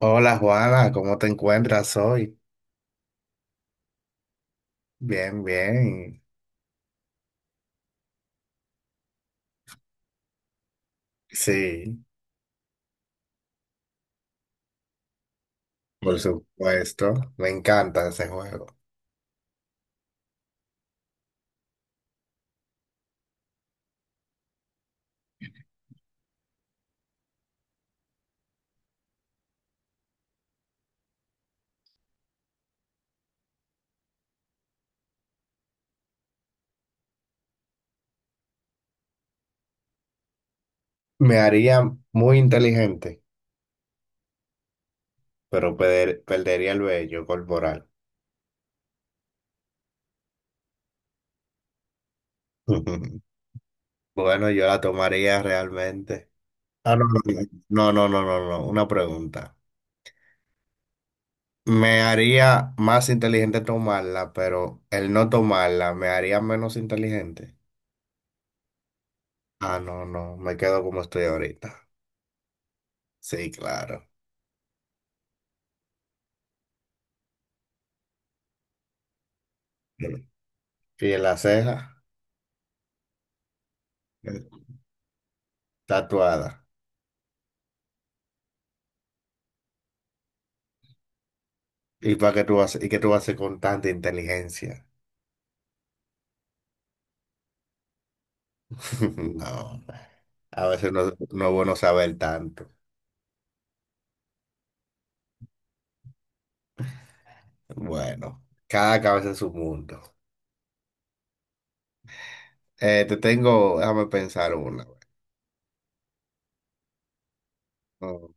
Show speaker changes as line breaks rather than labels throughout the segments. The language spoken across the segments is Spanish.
Hola Juana, ¿cómo te encuentras hoy? Bien, bien. Sí, por supuesto. Me encanta ese juego. Me haría muy inteligente, pero perdería el vello corporal. Bueno, yo la tomaría realmente. Ah, no, no, no, no, no, no, no, no, una pregunta. Me haría más inteligente tomarla, pero el no tomarla me haría menos inteligente. Ah, no, no, me quedo como estoy ahorita. Sí, claro. ¿Y en la ceja? eh, Tatuada. ¿Y para qué tú haces, y qué tú haces con tanta inteligencia? No, a veces no, no es bueno saber tanto. Bueno, cada cabeza en su mundo. Te tengo, déjame pensar una. Oh,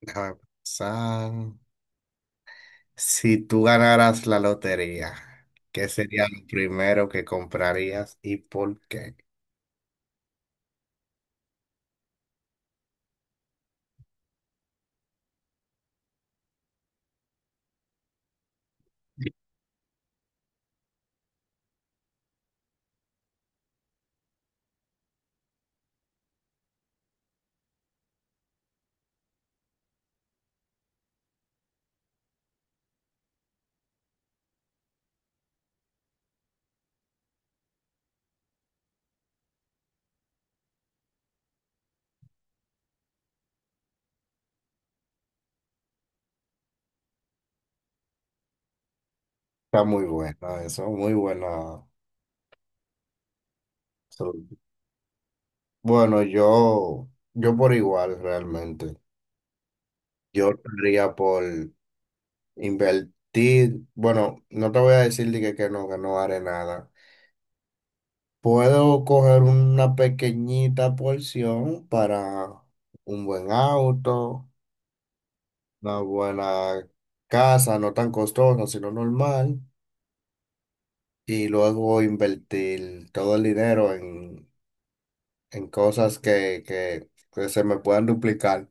déjame pensar. Si tú ganaras la lotería, ¿qué sería lo primero que comprarías y por qué? Está muy bueno eso, muy buena. Bueno, yo por igual realmente. Yo optaría por invertir, bueno, no te voy a decir de que no, que no haré nada. Puedo coger una pequeñita porción para un buen auto, una buena casa, no tan costosa, sino normal, y luego invertir todo el dinero en cosas que se me puedan duplicar.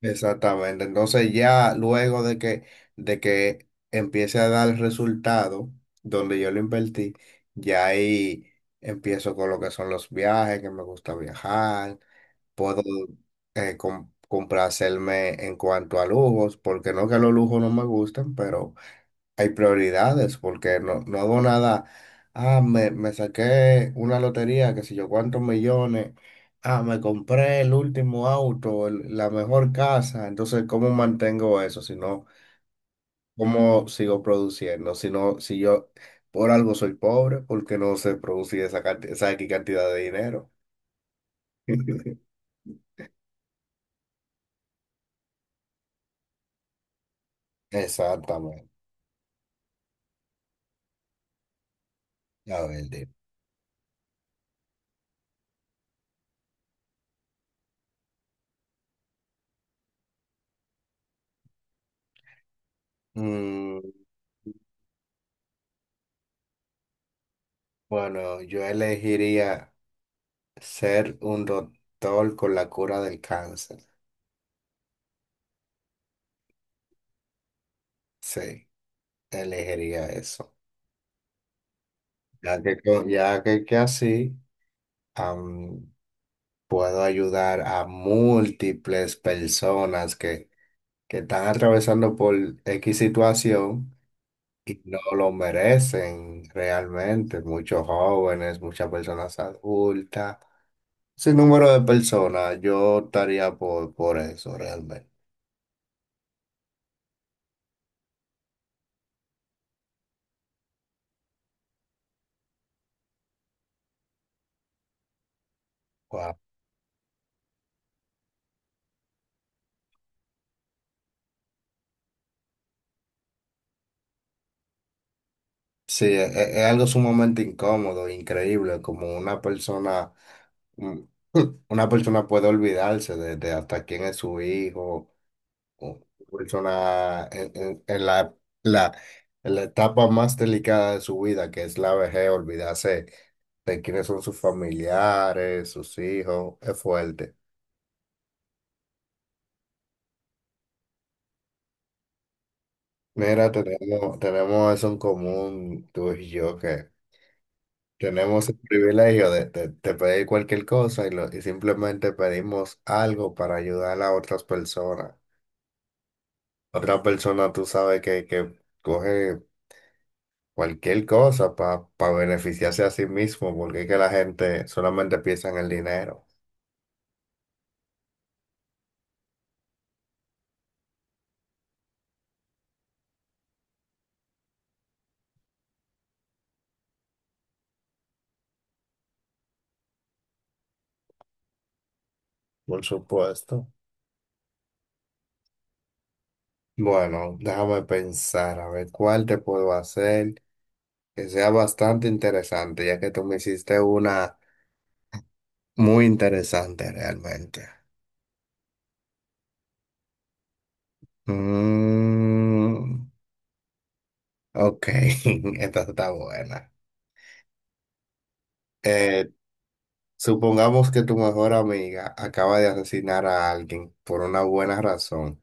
Exactamente. Entonces ya luego de que empiece a dar el resultado donde yo lo invertí, ya ahí empiezo con lo que son los viajes, que me gusta viajar. Puedo complacerme en cuanto a lujos, porque no que los lujos no me gustan, pero hay prioridades, porque no, no hago nada. Ah, me saqué una lotería, qué sé yo, cuántos millones. Ah, me compré el último auto, la mejor casa. Entonces, ¿cómo mantengo eso? Si no, ¿cómo sigo produciendo? Si no, si yo por algo soy pobre, ¿porque no se produce esa, esa X cantidad de dinero? Exactamente. A ver, dime. Mm, bueno, yo elegiría ser un doctor con la cura del cáncer. Sí, elegiría eso. Ya que, ya que así am, puedo ayudar a múltiples personas que están atravesando por X situación y no lo merecen realmente. Muchos jóvenes, muchas personas adultas, sin número de personas, yo estaría por eso realmente. Wow. Sí, es algo sumamente incómodo, increíble, como una persona mm, Una persona puede olvidarse de hasta quién es su hijo, o una persona en la, en la etapa más delicada de su vida, que es la vejez, olvidarse de quiénes son sus familiares, sus hijos, es fuerte. Mira, tenemos eso en común, tú y yo, que tenemos el privilegio de pedir cualquier cosa y simplemente pedimos algo para ayudar a otras personas. Otra persona, tú sabes que coge cualquier cosa para beneficiarse a sí mismo, porque es que la gente solamente piensa en el dinero. Por supuesto. Bueno, déjame pensar, a ver cuál te puedo hacer que sea bastante interesante, ya que tú me hiciste una muy interesante realmente. Mm, ok, esta está buena. Eh, Supongamos que tu mejor amiga acaba de asesinar a alguien por una buena razón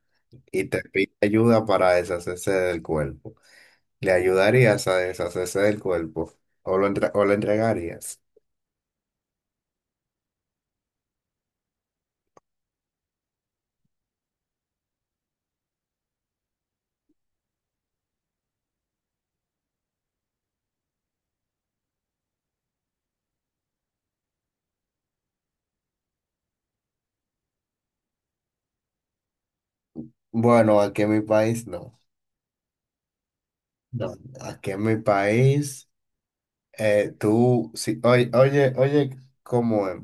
y te pide ayuda para deshacerse del cuerpo. ¿Le ayudarías a deshacerse del cuerpo o o lo entregarías? Bueno, aquí en mi país no. No, aquí en mi país, tú, si, oye, oye, oye, ¿cómo es?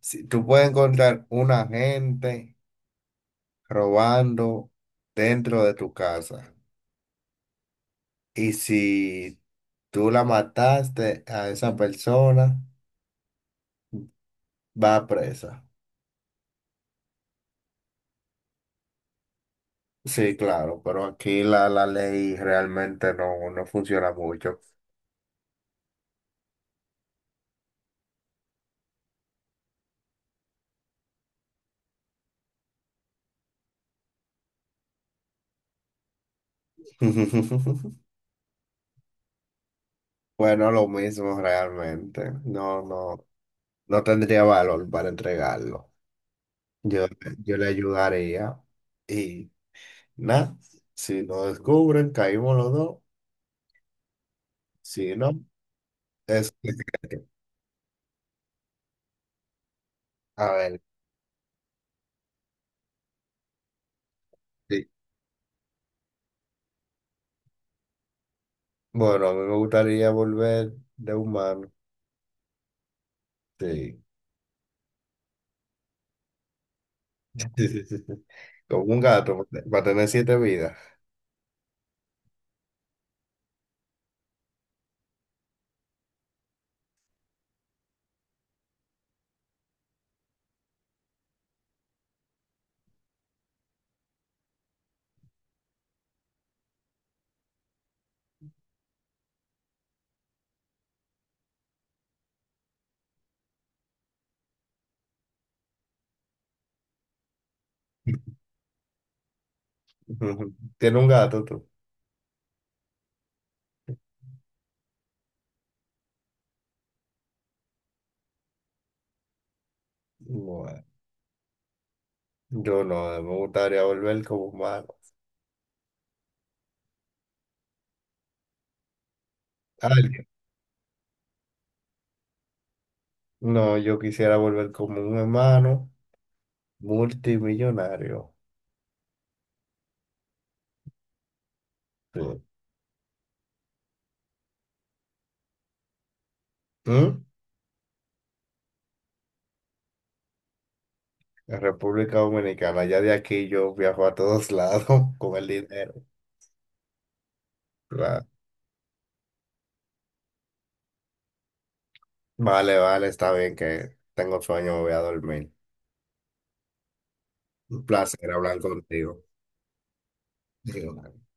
Si, tú puedes encontrar una gente robando dentro de tu casa. Y si tú la mataste a esa persona, va presa. Sí, claro, pero aquí la ley realmente no, no funciona mucho. Bueno, lo mismo realmente. No, no, no tendría valor para entregarlo. Yo, yo le ayudaría. Y nada, si lo descubren, caímos los dos. Si no, es... A ver. Sí. Bueno, a mí me gustaría volver de humano. Sí. Sí, sí, sí, sí. Como un gato, para tener 7 vidas. ¿Tiene un gato tú? Bueno, yo no, me gustaría volver como humano. Alguien. No, yo quisiera volver como un hermano multimillonario. Sí. ¿Mm? En República Dominicana, ya de aquí yo viajo a todos lados con el dinero. Claro. Vale, vale, está bien que tengo sueño, me voy a dormir. Un placer hablar contigo.